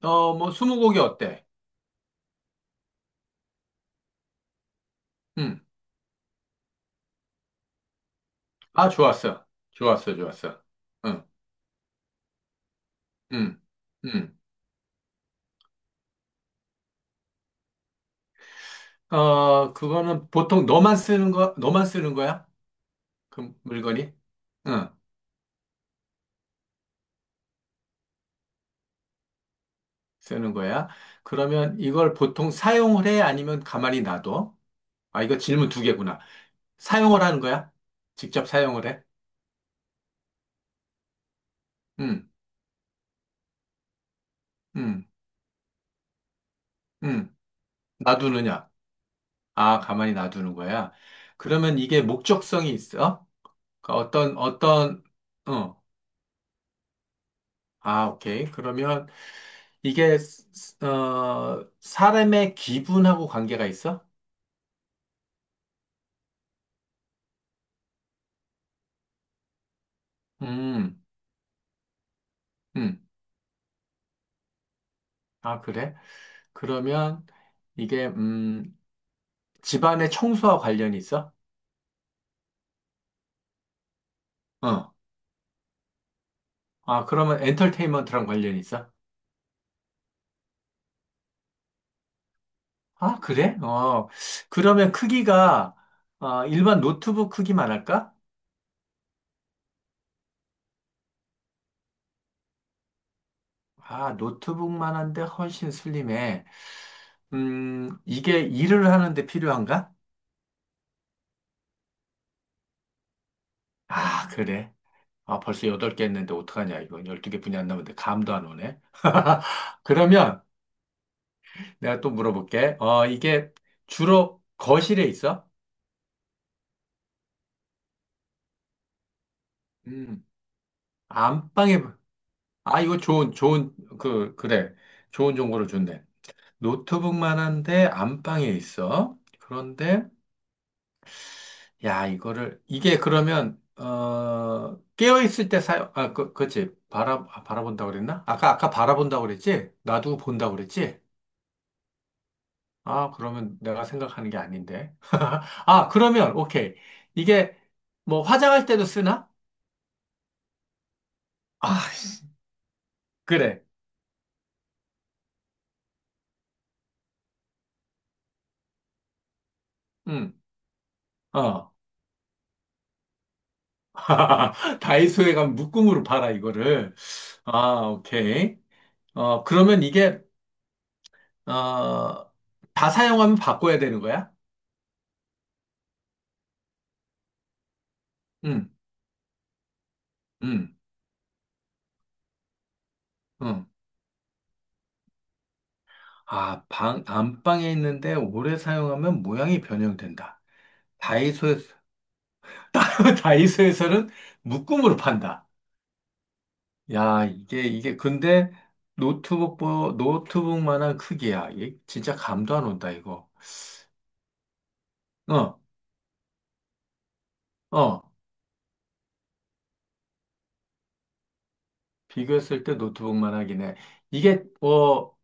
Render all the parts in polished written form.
뭐, 스무고개 어때? 응. 아, 좋았어. 좋았어, 좋았어. 응, 응, 응. 그거는 보통 너만 쓰는 거야? 그 물건이? 응, 쓰는 거야. 그러면 이걸 보통 사용을 해? 아니면 가만히 놔둬? 아, 이거 질문 두 개구나. 사용을 하는 거야? 직접 사용을 해? 응, 응, 응. 놔두느냐? 아, 가만히 놔두는 거야. 그러면 이게 목적성이 있어? 그러니까 어, 아, 오케이. 그러면 이게 사람의 기분하고 관계가 있어? 음, 음. 아, 그래? 그러면 이게 집안의 청소와 관련이 있어? 어. 아, 그러면 엔터테인먼트랑 관련이 있어? 아, 그래? 어. 그러면 크기가 일반 노트북 크기만 할까? 아, 노트북만 한데 훨씬 슬림해. 이게 일을 하는데 필요한가? 아, 그래. 아, 벌써 8개 했는데 어떡하냐, 이거. 1 2개분이 안 남았는데 감도 안 오네. 그러면 내가 또 물어볼게. 이게 주로 거실에 있어? 음, 안방에, 아, 이거 좋은, 그래. 좋은 정보를 줬네. 노트북만 한데 안방에 있어. 그런데, 야, 이게 그러면, 깨어있을 때 사용, 아, 그치. 바라본다고 그랬나? 아까 바라본다고 그랬지? 놔두고 본다고 그랬지? 아, 그러면 내가 생각하는 게 아닌데. 아, 그러면, 오케이. 이게, 뭐, 화장할 때도 쓰나? 아, 씨, 그래. 응, 어. 다이소에 가면 묶음으로 팔아, 이거를. 아, 오케이. 그러면 이게, 어, 다 사용하면 바꿔야 되는 거야? 응, 응, 응. 아, 안방에 있는데 오래 사용하면 모양이 변형된다. 다이소에서, 다이소에서는 묶음으로 판다. 야, 근데 노트북, 노트북만한 크기야. 이게 진짜 감도 안 온다, 이거. 어, 어. 비교했을 때 노트북만하긴 해. 이게, 뭐,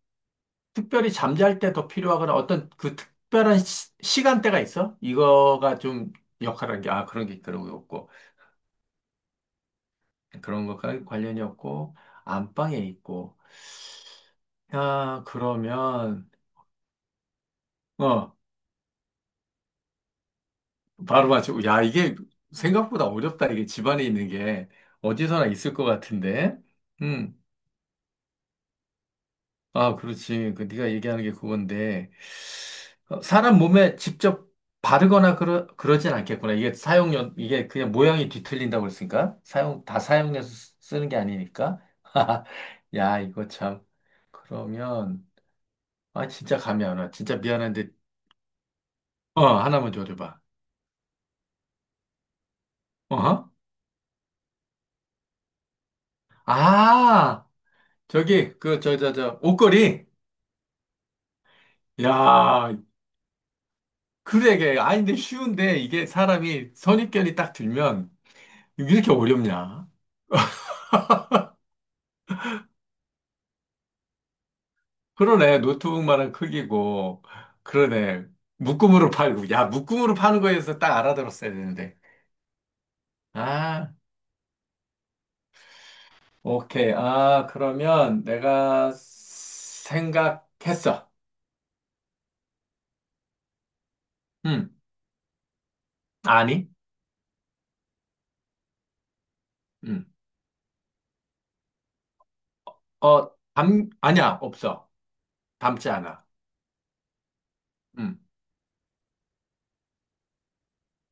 특별히 잠잘 때 더 필요하거나 어떤 그 특별한 시, 간대가 있어? 이거가 좀 역할한 게, 아, 그런 게 없고. 그런 것과 관련이 없고, 안방에 있고. 야, 그러면, 어. 바로 맞추고. 야, 이게 생각보다 어렵다. 이게 집안에 있는 게 어디서나 있을 것 같은데. 음. 아, 그렇지. 그 네가 얘기하는 게 그건데. 사람 몸에 직접 바르거나 그러진 않겠구나. 이게 사용료, 이게 그냥 모양이 뒤틀린다고 그랬으니까. 다 사용해서 쓰는 게 아니니까. 야, 이거 참. 그러면, 아, 진짜 감이 안 와. 진짜 미안한데, 하나만 줘줘봐. 어? 아, 저기, 옷걸이. 야, 그래, 이게. 아닌데 쉬운데, 이게 사람이 선입견이 딱 들면, 왜 이렇게 어렵냐? 그러네, 노트북만한 크기고, 그러네, 묶음으로 팔고. 야, 묶음으로 파는 거에서 딱 알아들었어야 되는데. 아, 오케이. 아, 그러면 내가 생각했어. 음, 아니? 음, 아니야, 없어. 담지 않아. 음,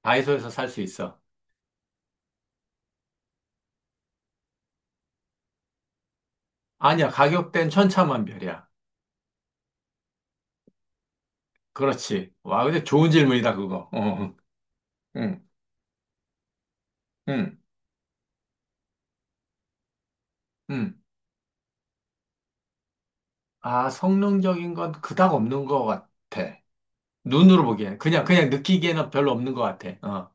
다이소에서 살 수 있어. 아니야, 가격대는 천차만별이야. 그렇지. 와, 근데 좋은 질문이다, 그거. 응, 응, 응. 아, 성능적인 건 그닥 없는 것 같아. 눈으로 보기에는. 그냥 느끼기에는 별로 없는 것 같아.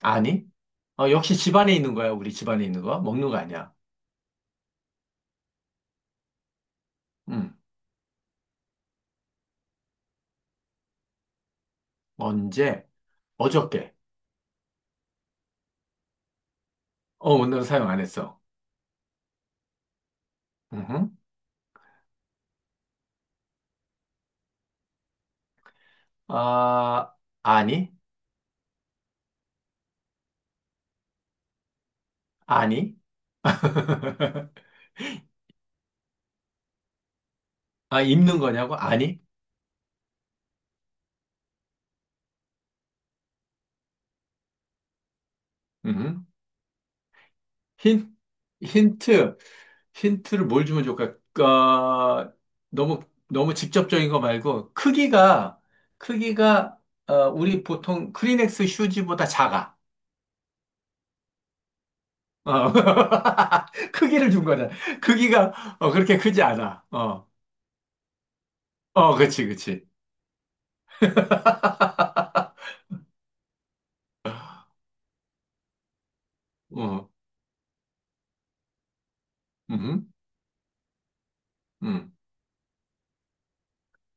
아니? 역시 집안에 있는 거야, 우리 집안에 있는 거. 먹는 거 아니야. 음. 언제? 어저께. 오늘은 사용 안 했어. 음. 아, 아니? 아니? 아, 입는 거냐고? 아니? 음. 힌, 힌트, 힌트를 뭘 주면 좋을까? 어, 너무, 너무 직접적인 거 말고, 크기가, 크기가, 우리 보통 크리넥스 휴지보다 작아. 어. 크기를 준 거잖아. 크기가, 그렇게 크지 않아. 어, 어, 그치, 그치. 어, 음, 음.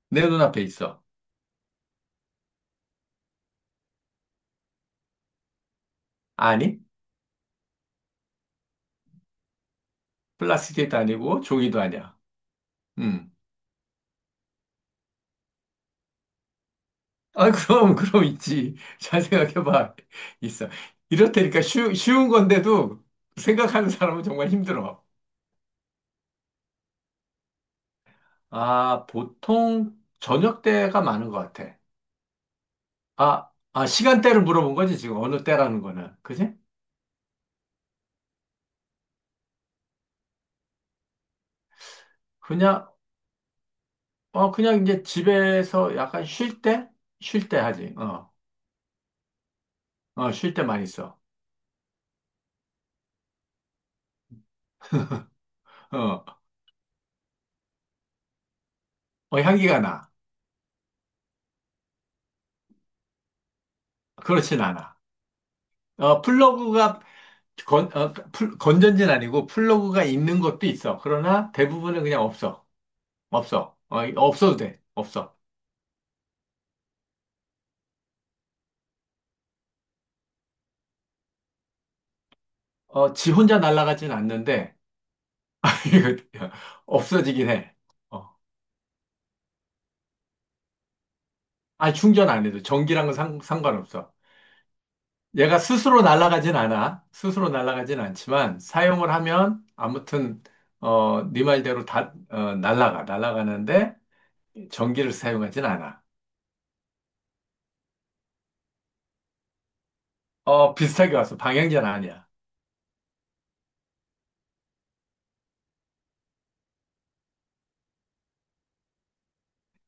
내 눈앞에 있어. 아니, 플라스틱도 아니고, 종이도 아니야. 음. 아, 그럼 있지. 잘 생각해봐. 있어. 이렇다니까 쉬운 건데도 생각하는 사람은 정말 힘들어. 아, 보통 저녁 때가 많은 것 같아. 아, 아, 시간대를 물어본 거지, 지금. 어느 때라는 거는. 그지? 그냥, 그냥 이제 집에서 약간 쉴 때? 쉴 때 하지. 어, 어, 쉴 때 많이 써. 어, 어, 향기가 나. 그렇진 않아. 플러그가 건전지는 아니고 플러그가 있는 것도 있어. 그러나 대부분은 그냥 없어. 없어. 없어도 돼. 없어. 지 혼자 날아가진 않는데, 이거 없어지긴 해. 어. 아니, 충전 안 해도. 전기랑은 상관없어. 얘가 스스로 날아가진 않아. 스스로 날아가진 않지만, 사용을 하면, 아무튼, 네 말대로 다, 날아가. 날아가는데, 전기를 사용하진 않아. 비슷하게 왔어. 방향제는 아니야.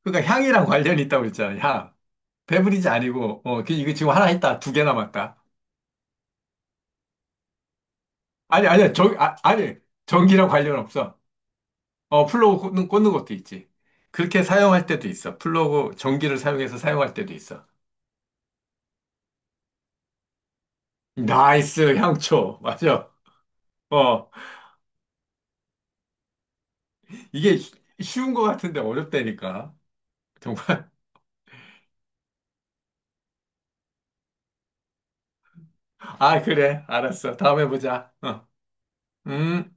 그러니까 향이랑 관련이 있다고 했잖아, 향. 배브리지 아니고, 이거 지금 하나 했다. 두개 남았다. 아니, 아니야. 아니. 전기랑 관련 없어. 플러그 꽂는 것도 있지. 그렇게 사용할 때도 있어. 플러그, 전기를 사용해서 사용할 때도 있어. 나이스, 향초. 맞아. 어, 이게 쉬운 것 같은데 어렵다니까. 정말. 아, 그래. 알았어. 다음에 보자. 어. 음.